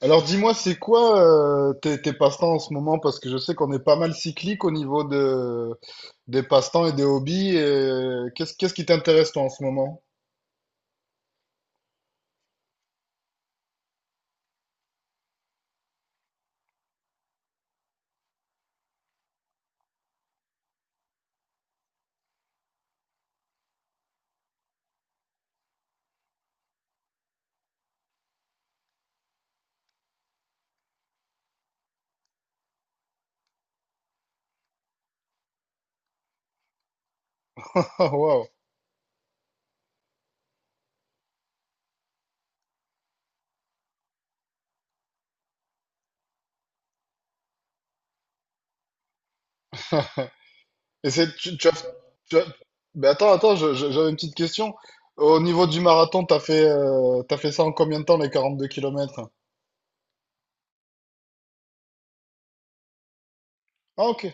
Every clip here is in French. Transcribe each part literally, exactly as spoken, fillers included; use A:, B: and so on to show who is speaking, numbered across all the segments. A: Alors dis-moi, c'est quoi euh, tes, tes passe-temps en ce moment? Parce que je sais qu'on est pas mal cyclique au niveau de, des passe-temps et des hobbies. Et euh, qu'est-ce, qu'est-ce qui t'intéresse toi en ce moment? Waouh. Et c'est, tu, tu as, tu as- mais attends, attends, je- je- j'avais une petite question. Au niveau du marathon, t'as fait, euh, t'as fait ça en combien de temps les quarante-deux kilomètres? Ah ok,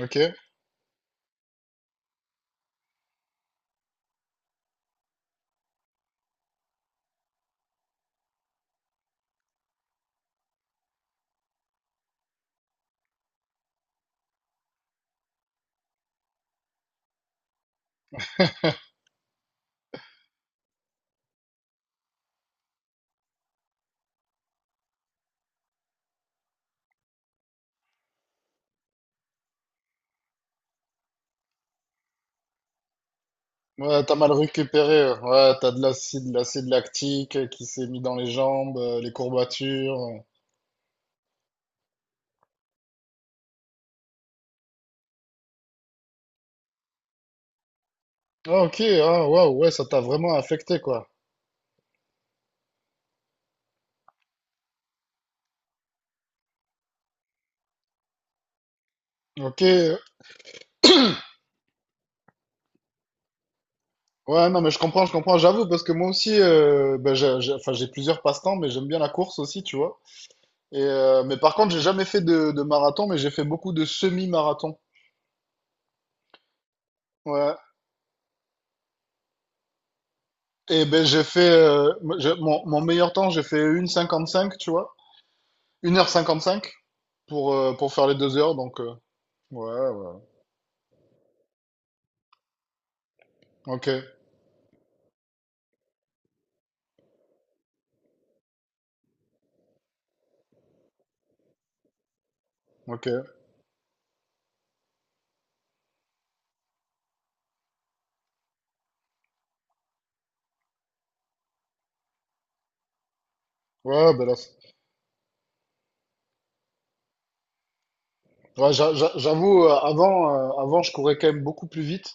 A: ok. Ouais, t'as mal récupéré. euh. Ouais, t'as de l'acide, l'acide lactique qui s'est mis dans les jambes, euh, les courbatures. Ah, ok, ah, waouh, ouais, ça t'a vraiment affecté, quoi. Ok, ouais, non, mais je comprends, je comprends, j'avoue, parce que moi aussi, euh, ben, j'ai, j'ai- enfin, j'ai plusieurs passe-temps, mais j'aime bien la course aussi, tu vois. Et, euh, mais par contre, j'ai jamais fait de, de marathon, mais j'ai fait beaucoup de semi-marathon. Ouais. Et ben, j'ai fait, euh, moi, j'ai- mon, mon meilleur temps, j'ai fait une cinquante-cinq, tu vois. Une heure cinquante-cinq pour, euh, pour faire les deux heures, donc, euh, ouais, ouais. Ok, ok. Ouais, ben là, c'est- ouais, j'a- j'a- j'avoue, euh, avant, euh, avant, je courais quand même beaucoup plus vite.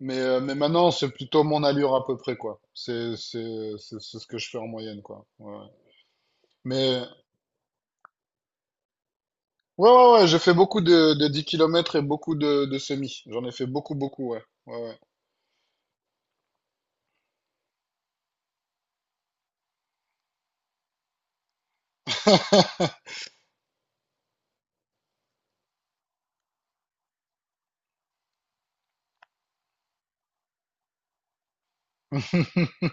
A: Mais, euh, mais maintenant, c'est plutôt mon allure à peu près, quoi. C'est, c'est, c'est, c'est ce que je fais en moyenne, quoi. Ouais. ouais. Mais, ouais, ouais, ouais, j'ai fait beaucoup de, de dix kilomètres et beaucoup de, de semi. J'en ai fait beaucoup, beaucoup, ouais. Ouais, ouais.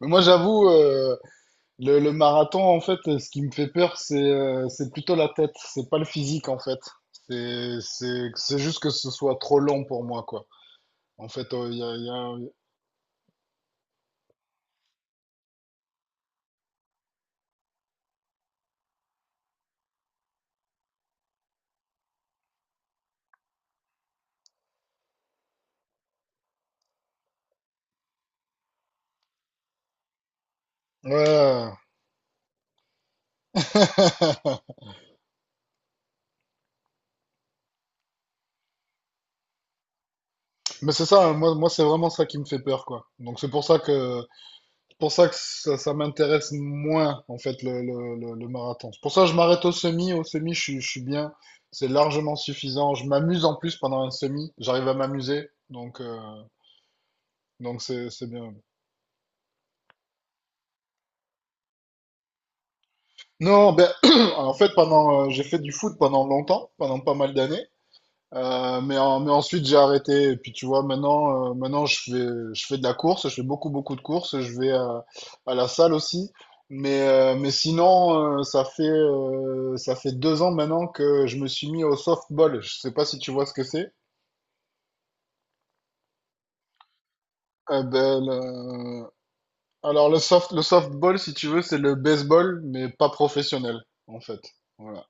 A: Mais moi, j'avoue, euh, le, le marathon, en fait, ce qui me fait peur, c'est euh, c'est plutôt la tête. C'est pas le physique, en fait. C'est c'est- c'est juste que ce soit trop long pour moi, quoi. En fait, euh, il y a, il y a- Ouais. Mais c'est ça, hein. moi, moi c'est vraiment ça qui me fait peur, quoi. Donc c'est pour ça que pour ça que ça, ça m'intéresse moins, en fait, le, le, le- le marathon. C'est pour ça que je m'arrête au semi. Au semi, je, suis- je suis bien. C'est largement suffisant. Je m'amuse en plus pendant un semi. J'arrive à m'amuser. Donc, euh, donc c'est, c'est bien. Non, ben, en fait, pendant, euh, j'ai fait du foot pendant longtemps, pendant pas mal d'années. Euh, mais, en- mais ensuite j'ai arrêté. Et puis tu vois, maintenant, euh, maintenant je fais, je fais de la course, je fais beaucoup, beaucoup de courses, je vais à, à la salle aussi. Mais, euh, mais sinon, euh, ça fait, euh, ça fait deux ans maintenant que je me suis mis au softball. Je sais pas si tu vois ce que c'est. Euh, ben, le- alors le soft, le softball, si tu veux, c'est le baseball, mais pas professionnel, en fait. Voilà.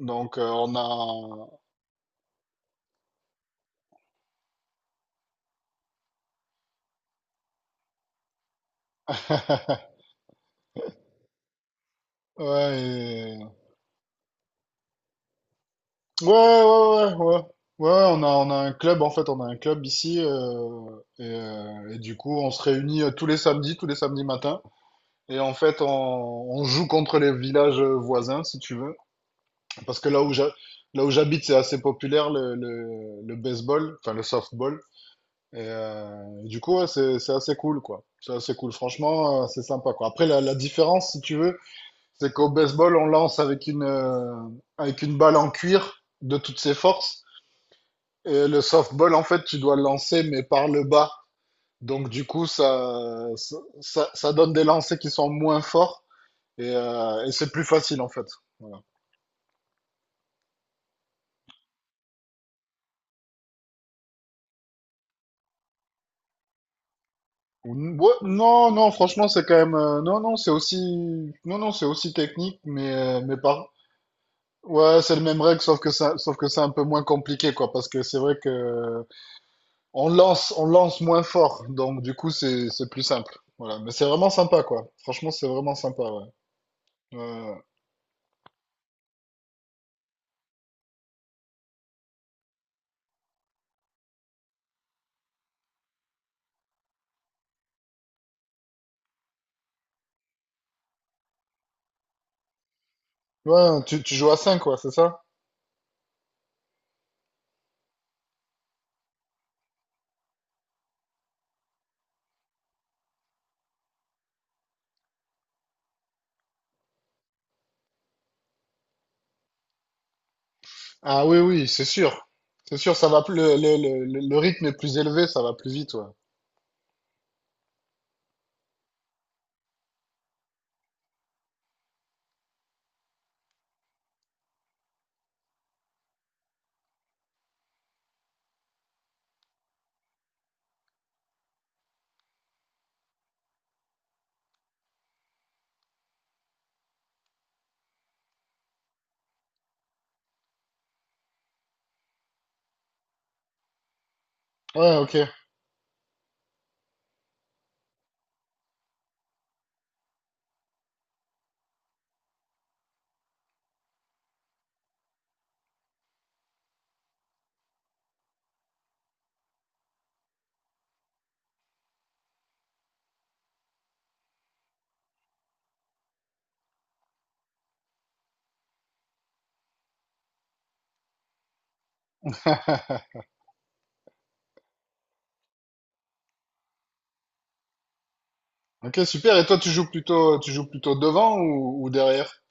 A: Donc euh, on a... Ouais, Ouais, ouais, ouais, ouais. Ouais, on a, on a un club, en fait, on a un club ici, euh, et, euh, et du coup, on se réunit euh, tous les samedis, tous les samedis matins, et en fait, on, on joue contre les villages voisins, si tu veux, parce que là où j'ha- là où j'habite, c'est assez populaire, le, le, le baseball, enfin, le softball, et, euh, et du coup, ouais, c'est, c'est assez cool, quoi. C'est assez cool, franchement, euh, c'est sympa, quoi. Après, la, la différence, si tu veux, c'est qu'au baseball, on lance avec une, euh, avec une balle en cuir de toutes ses forces, et le softball, en fait, tu dois le lancer, mais par le bas. Donc, du coup, ça, ça, ça- ça donne des lancers qui sont moins forts et, euh, et c'est plus facile, en fait. Voilà. Ou- ouais, non, non, franchement, c'est quand même. Euh, non, non, c'est aussi. Non, non, c'est aussi technique, mais, euh, mais par. Ouais, c'est le même règle, sauf que ça, sauf que c'est un peu moins compliqué, quoi, parce que c'est vrai que on lance, on lance moins fort, donc du coup, c'est, c'est plus simple. Voilà. Mais c'est vraiment sympa, quoi. Franchement, c'est vraiment sympa, ouais. Ouais, ouais. Ouais, tu, tu joues à cinq quoi, c'est ça? Ah oui, oui, c'est sûr. C'est sûr, ça va plus, le, le- le- le rythme est plus élevé, ça va plus vite, ouais. Ouais, ok. Ok, super. Et toi, tu joues plutôt, tu joues plutôt devant ou, ou derrière?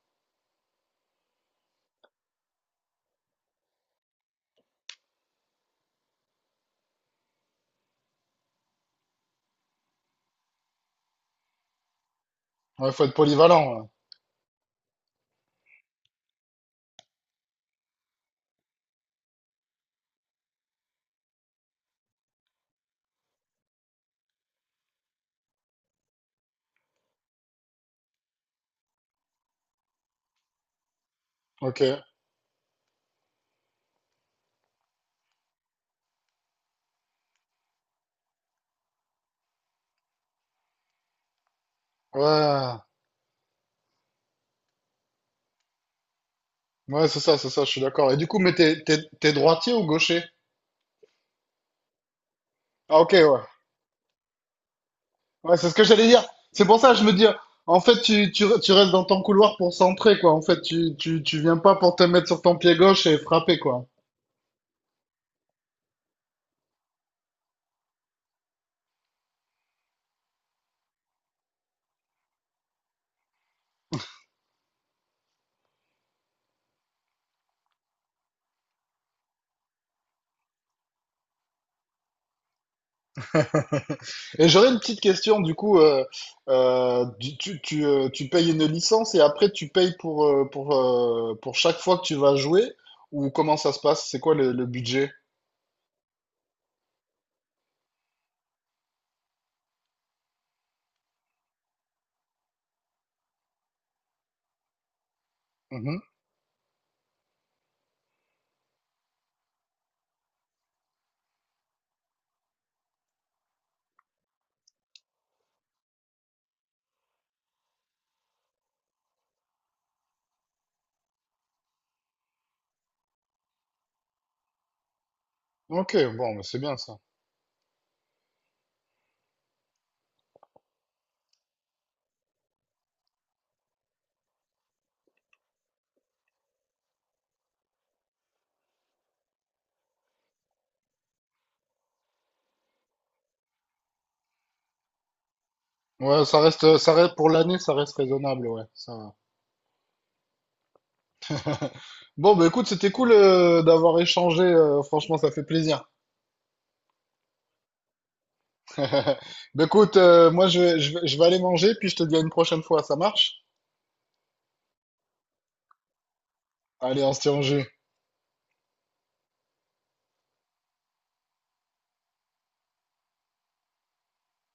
A: Ouais, faut être polyvalent. Ouais. Ok. Ouais. Ouais, c'est ça, c'est ça, je suis d'accord. Et du coup, mais t'es, t'es, t'es droitier ou gaucher? Ah, ok, ouais. Ouais, c'est ce que j'allais dire. C'est pour ça, je me dis, en fait, tu, tu, tu restes dans ton couloir pour centrer, quoi. En fait, tu, tu, tu viens pas pour te mettre sur ton pied gauche et frapper, quoi. Et j'aurais une petite question, du coup, euh, euh, du- tu, tu, euh, tu payes une licence et après tu payes pour, euh, pour, euh, pour chaque fois que tu vas jouer, ou comment ça se passe? C'est quoi le, le budget? Mhm. Ok, bon, mais c'est bien ça. Ouais, ça reste, ça reste, pour l'année, ça reste raisonnable, ouais, ça va. Bon, bah écoute, c'était cool euh, d'avoir échangé, euh, franchement, ça fait plaisir. Bah écoute, euh, moi je vais, je vais, je vais aller manger, puis je te dis à une prochaine fois, ça marche? Allez, on se tient au jeu.